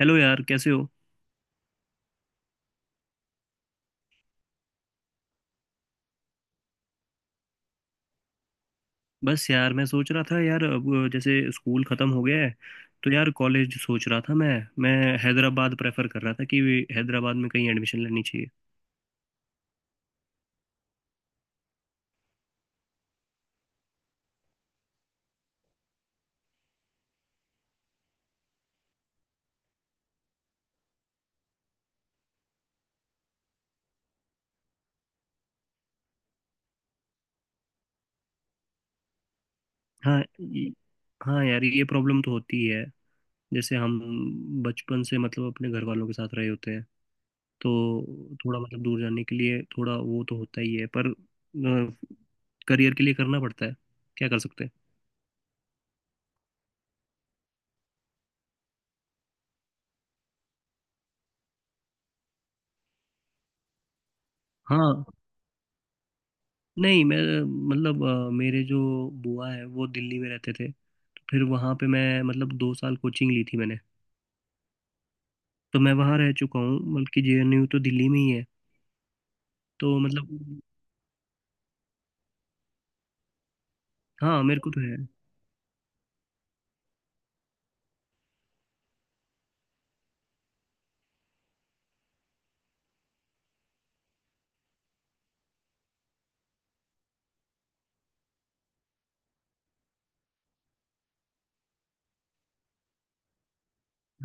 Hello यार, कैसे हो। बस यार, मैं सोच रहा था यार, अब जैसे स्कूल ख़त्म हो गया है तो यार कॉलेज सोच रहा था मैं। मैं हैदराबाद प्रेफर कर रहा था कि हैदराबाद में कहीं एडमिशन लेनी चाहिए। हाँ ये- हाँ यार, ये प्रॉब्लम तो होती ही है। जैसे हम बचपन से मतलब अपने घर वालों के साथ रहे होते हैं, तो थोड़ा मतलब दूर जाने के लिए थोड़ा वो तो होता ही है, पर करियर के लिए करना पड़ता है। क्या कर सकते हैं। हाँ। नहीं, मैं मतलब मेरे जो बुआ है वो दिल्ली में रहते थे, तो फिर वहाँ पे मैं मतलब 2 साल कोचिंग ली थी मैंने। तो मैं वहाँ रह चुका हूँ, बल्कि जेएनयू तो दिल्ली में ही है। तो मतलब हाँ, मेरे को तो है।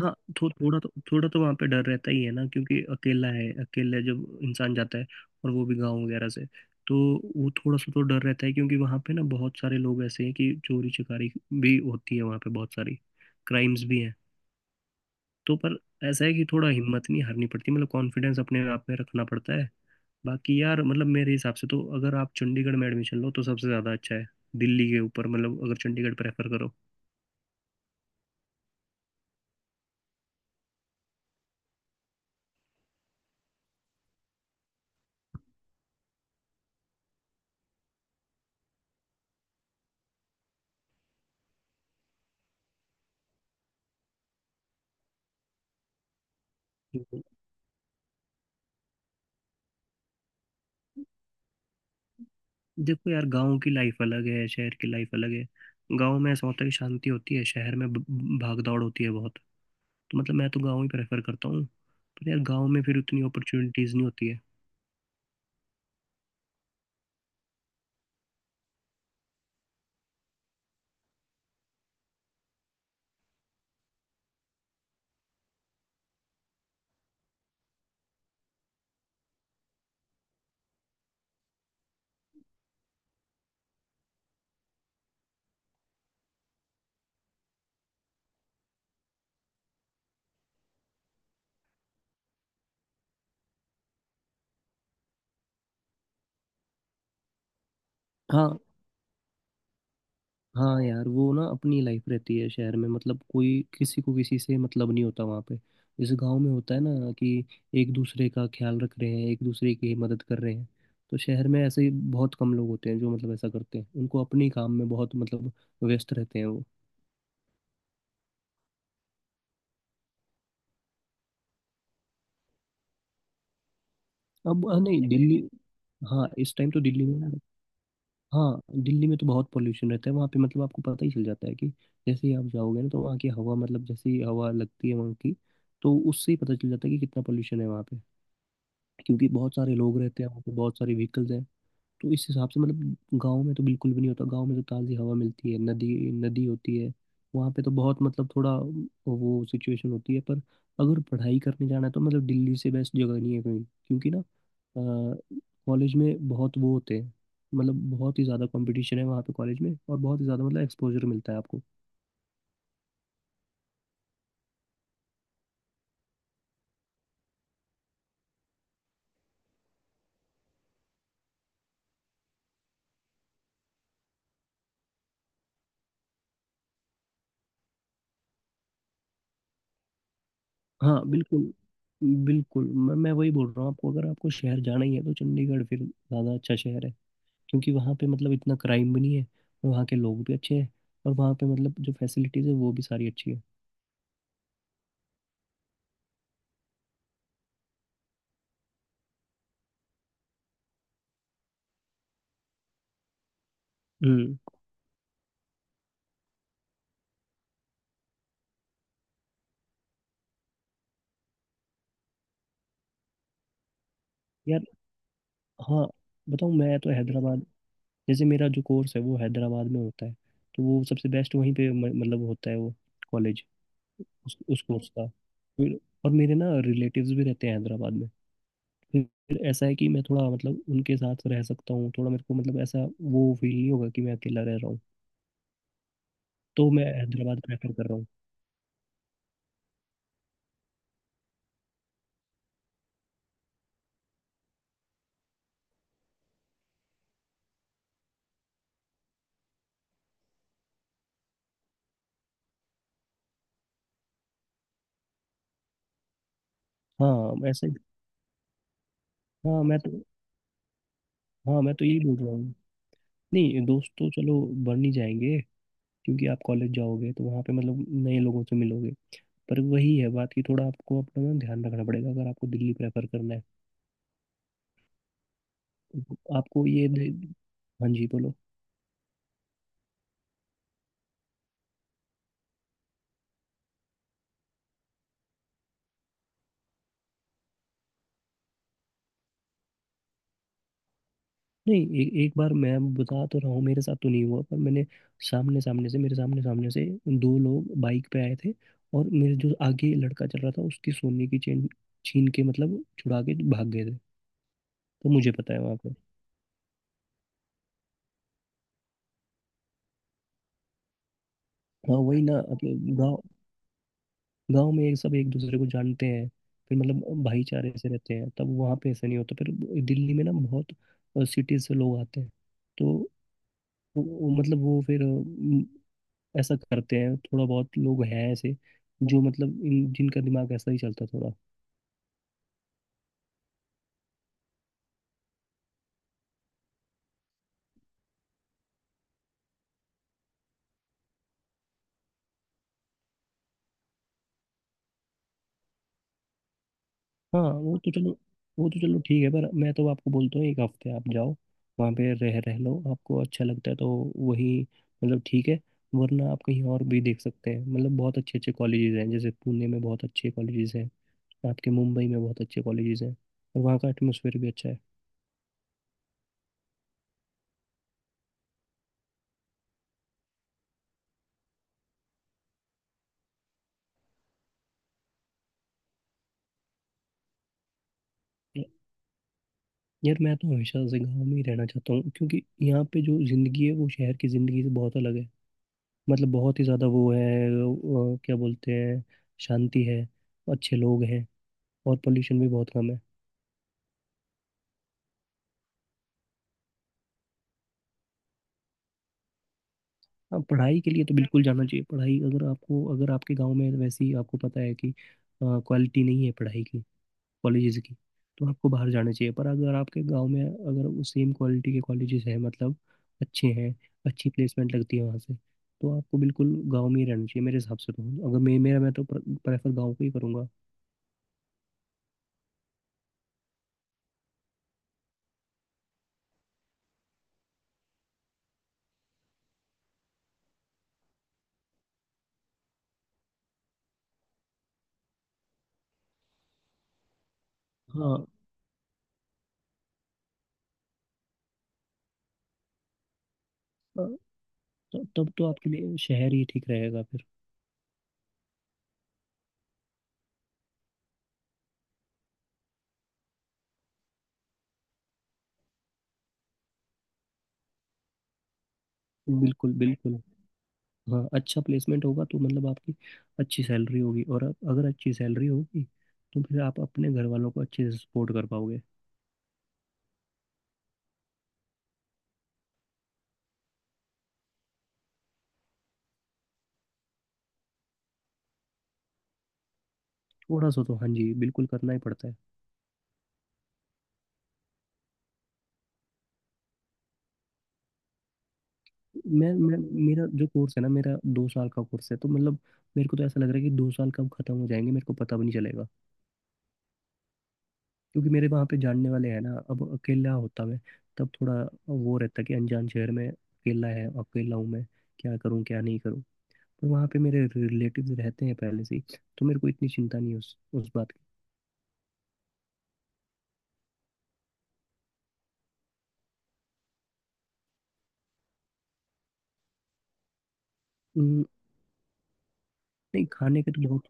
हाँ, थो, थोड़ा तो वहाँ पे डर रहता ही है ना, क्योंकि अकेला है, अकेले जब इंसान जाता है, और वो भी गाँव वगैरह से, तो वो थोड़ा सा तो डर रहता है, क्योंकि वहाँ पे ना बहुत सारे लोग ऐसे हैं कि चोरी चकारी भी होती है वहाँ पे बहुत सारी, क्राइम्स भी हैं। तो पर ऐसा है कि थोड़ा हिम्मत नहीं हारनी पड़ती, मतलब कॉन्फिडेंस अपने आप में रखना पड़ता है। बाकी यार, मतलब मेरे हिसाब से तो अगर आप चंडीगढ़ में एडमिशन लो तो सबसे ज़्यादा अच्छा है दिल्ली के ऊपर, मतलब अगर चंडीगढ़ प्रेफर करो। देखो यार, गांव की लाइफ अलग है, शहर की लाइफ अलग है। गांव में ऐसा होता है कि शांति होती है, शहर में भाग दौड़ होती है बहुत। तो मतलब मैं तो गांव ही प्रेफर करता हूँ, पर यार गांव में फिर उतनी अपॉर्चुनिटीज़ नहीं होती है। हाँ। हाँ यार, वो ना अपनी लाइफ रहती है शहर में, मतलब कोई किसी को किसी से मतलब नहीं होता वहाँ पे, जैसे गांव में होता है ना कि एक दूसरे का ख्याल रख रहे हैं, एक दूसरे की मदद कर रहे हैं। तो शहर में ऐसे ही बहुत कम लोग होते हैं जो मतलब ऐसा करते हैं, उनको अपने काम में बहुत मतलब व्यस्त रहते हैं वो। अब हाँ, नहीं। दिल्ली हाँ, इस टाइम तो दिल्ली में। हाँ, दिल्ली में तो बहुत पोल्यूशन रहता है वहाँ पे, मतलब आपको पता ही चल जाता है कि जैसे ही आप जाओगे ना, तो वहाँ की हवा मतलब जैसी हवा लगती है वहाँ की, तो उससे ही पता चल जाता है कि कितना पोल्यूशन है वहाँ पे, क्योंकि बहुत सारे लोग रहते हैं वहाँ पे, बहुत सारे व्हीकल्स हैं। तो इस हिसाब से मतलब गांव में तो बिल्कुल भी नहीं होता। गांव में तो ताज़ी हवा मिलती है, नदी नदी होती है वहाँ पे, तो बहुत मतलब थोड़ा वो सिचुएशन होती है। पर अगर पढ़ाई करने जाना है तो मतलब दिल्ली से बेस्ट जगह नहीं है कहीं, क्योंकि ना कॉलेज में बहुत वो होते हैं, मतलब बहुत ही ज़्यादा कंपटीशन है वहाँ पे कॉलेज में, और बहुत ही ज़्यादा मतलब एक्सपोजर मिलता है आपको। हाँ, बिल्कुल। बिल्कुल, मैं वही बोल रहा हूँ आपको, अगर आपको शहर जाना ही है तो चंडीगढ़ फिर ज़्यादा अच्छा शहर है, क्योंकि वहाँ पे मतलब इतना क्राइम भी नहीं है, और वहाँ के लोग भी अच्छे हैं, और वहाँ पे मतलब जो फैसिलिटीज़ है वो भी सारी अच्छी है। हम्म। यार, हाँ बताऊँ, मैं तो हैदराबाद, जैसे मेरा जो कोर्स है वो हैदराबाद में होता है। तो वो सबसे बेस्ट वहीं पे मतलब होता है वो कॉलेज उस कोर्स का फिर। और मेरे ना रिलेटिव्स भी रहते हैं हैदराबाद में। फिर ऐसा है कि मैं थोड़ा मतलब उनके साथ रह सकता हूँ, थोड़ा मेरे को मतलब ऐसा वो फील नहीं होगा कि मैं अकेला रह रहा हूँ। तो मैं हैदराबाद प्रेफर कर रहा हूँ। हाँ, ऐसे। हाँ, मैं तो। हाँ, मैं तो यही बोल रहा हूँ। नहीं, दोस्त तो चलो बन ही जाएंगे, क्योंकि आप कॉलेज जाओगे तो वहाँ पे मतलब नए लोगों से मिलोगे। पर वही है बात कि थोड़ा आपको अपना ना ध्यान रखना पड़ेगा, अगर आपको दिल्ली प्रेफर करना है तो आपको हाँ जी बोलो। नहीं, एक बार मैं बता तो रहा हूँ, मेरे साथ तो नहीं हुआ पर मैंने सामने सामने से मेरे सामने सामने से दो लोग बाइक पे आए थे, और मेरे जो आगे लड़का चल रहा था उसकी सोने की चेन छीन के मतलब छुड़ा के भाग गए थे। तो मुझे पता है वहाँ पे। हाँ, वही ना, अपने गाँव गांव में एक सब एक दूसरे को जानते हैं, फिर मतलब भाईचारे से रहते हैं, तब वहाँ पे ऐसा नहीं होता फिर। दिल्ली में ना बहुत सिटीज से लोग आते हैं, तो वो मतलब वो फिर ऐसा करते हैं, थोड़ा बहुत लोग हैं ऐसे जो मतलब इन जिनका दिमाग ऐसा ही चलता है थोड़ा। हाँ, वो तो चलो, ठीक है, पर मैं तो आपको बोलता हूँ एक हफ्ते आप जाओ, वहाँ पे रह रह लो, आपको अच्छा लगता है तो वही मतलब ठीक है, वरना आप कहीं और भी देख सकते हैं, मतलब बहुत अच्छे अच्छे कॉलेजेस हैं, जैसे पुणे में बहुत अच्छे कॉलेजेस हैं, आपके मुंबई में बहुत अच्छे कॉलेजेस हैं, और वहाँ का एटमोसफेयर भी अच्छा है। य- यार, मैं तो हमेशा से गाँव में ही रहना चाहता हूँ, क्योंकि यहाँ पे जो ज़िंदगी है वो शहर की ज़िंदगी से बहुत अलग है, मतलब बहुत ही ज़्यादा वो है, वो क्या बोलते हैं, शांति है, अच्छे लोग हैं, और पोल्यूशन भी बहुत कम है। हाँ, पढ़ाई के लिए तो बिल्कुल जाना चाहिए। पढ़ाई अगर आपके गांव में वैसी आपको पता है कि क्वालिटी नहीं है पढ़ाई की, कॉलेजेस की, तो आपको बाहर जाना चाहिए। पर अगर आपके गांव में अगर वो सेम क्वालिटी के कॉलेजेस हैं, मतलब अच्छे हैं, अच्छी प्लेसमेंट लगती है वहाँ से, तो आपको बिल्कुल गांव में ही रहना चाहिए। मेरे हिसाब से तो अगर मे, मेरा मैं तो प्रेफर गांव को ही करूँगा। हाँ। अ, तब तो आपके लिए शहर ही ठीक रहेगा फिर। बिल्कुल, बिल्कुल। हाँ, अच्छा प्लेसमेंट होगा तो मतलब आपकी अच्छी सैलरी होगी, और अगर अच्छी सैलरी होगी तो फिर आप अपने घर वालों को अच्छे से सपोर्ट कर पाओगे। थोड़ा सा तो हाँ जी, बिल्कुल करना ही पड़ता है। मैं मेरा जो कोर्स है ना, मेरा 2 साल का कोर्स है, तो मतलब मेरे को तो ऐसा लग रहा है कि 2 साल कब खत्म हो जाएंगे मेरे को पता भी नहीं चलेगा, क्योंकि मेरे वहाँ पे जानने वाले हैं ना। अब अकेला होता मैं, तब थोड़ा वो रहता कि अनजान शहर में अकेला है, अकेला हूँ मैं, क्या करूँ क्या नहीं करूँ। पर वहाँ पे मेरे रिलेटिव रहते हैं पहले से ही, तो मेरे को इतनी चिंता नहीं है उस बात की। उम, नहीं, खाने के तो बहुत,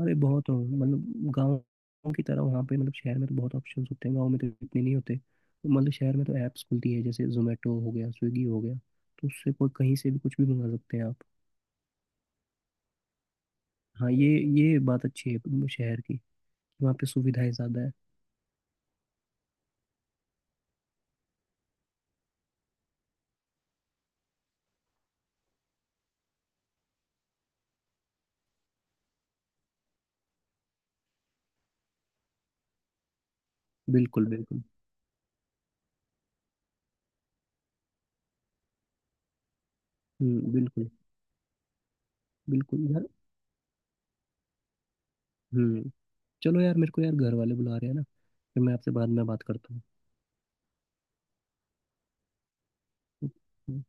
अरे बहुत मतलब गाँव की तरह वहाँ पे, मतलब शहर में तो बहुत ऑप्शंस होते हैं, गाँव में तो इतने नहीं होते, तो मतलब शहर में तो ऐप्स खुलती है, जैसे जोमेटो हो गया, स्विगी हो गया, तो उससे कोई कहीं से भी कुछ भी मंगा सकते हैं आप। हाँ, ये बात अच्छी है शहर की, वहाँ पे सुविधाएं ज़्यादा है। बिल्कुल, बिल्कुल। हम्म, बिल्कुल। बिल्कुल यार। हम्म। चलो यार, मेरे को यार घर वाले बुला रहे हैं ना, फिर मैं आपसे बाद में बात करता हूँ।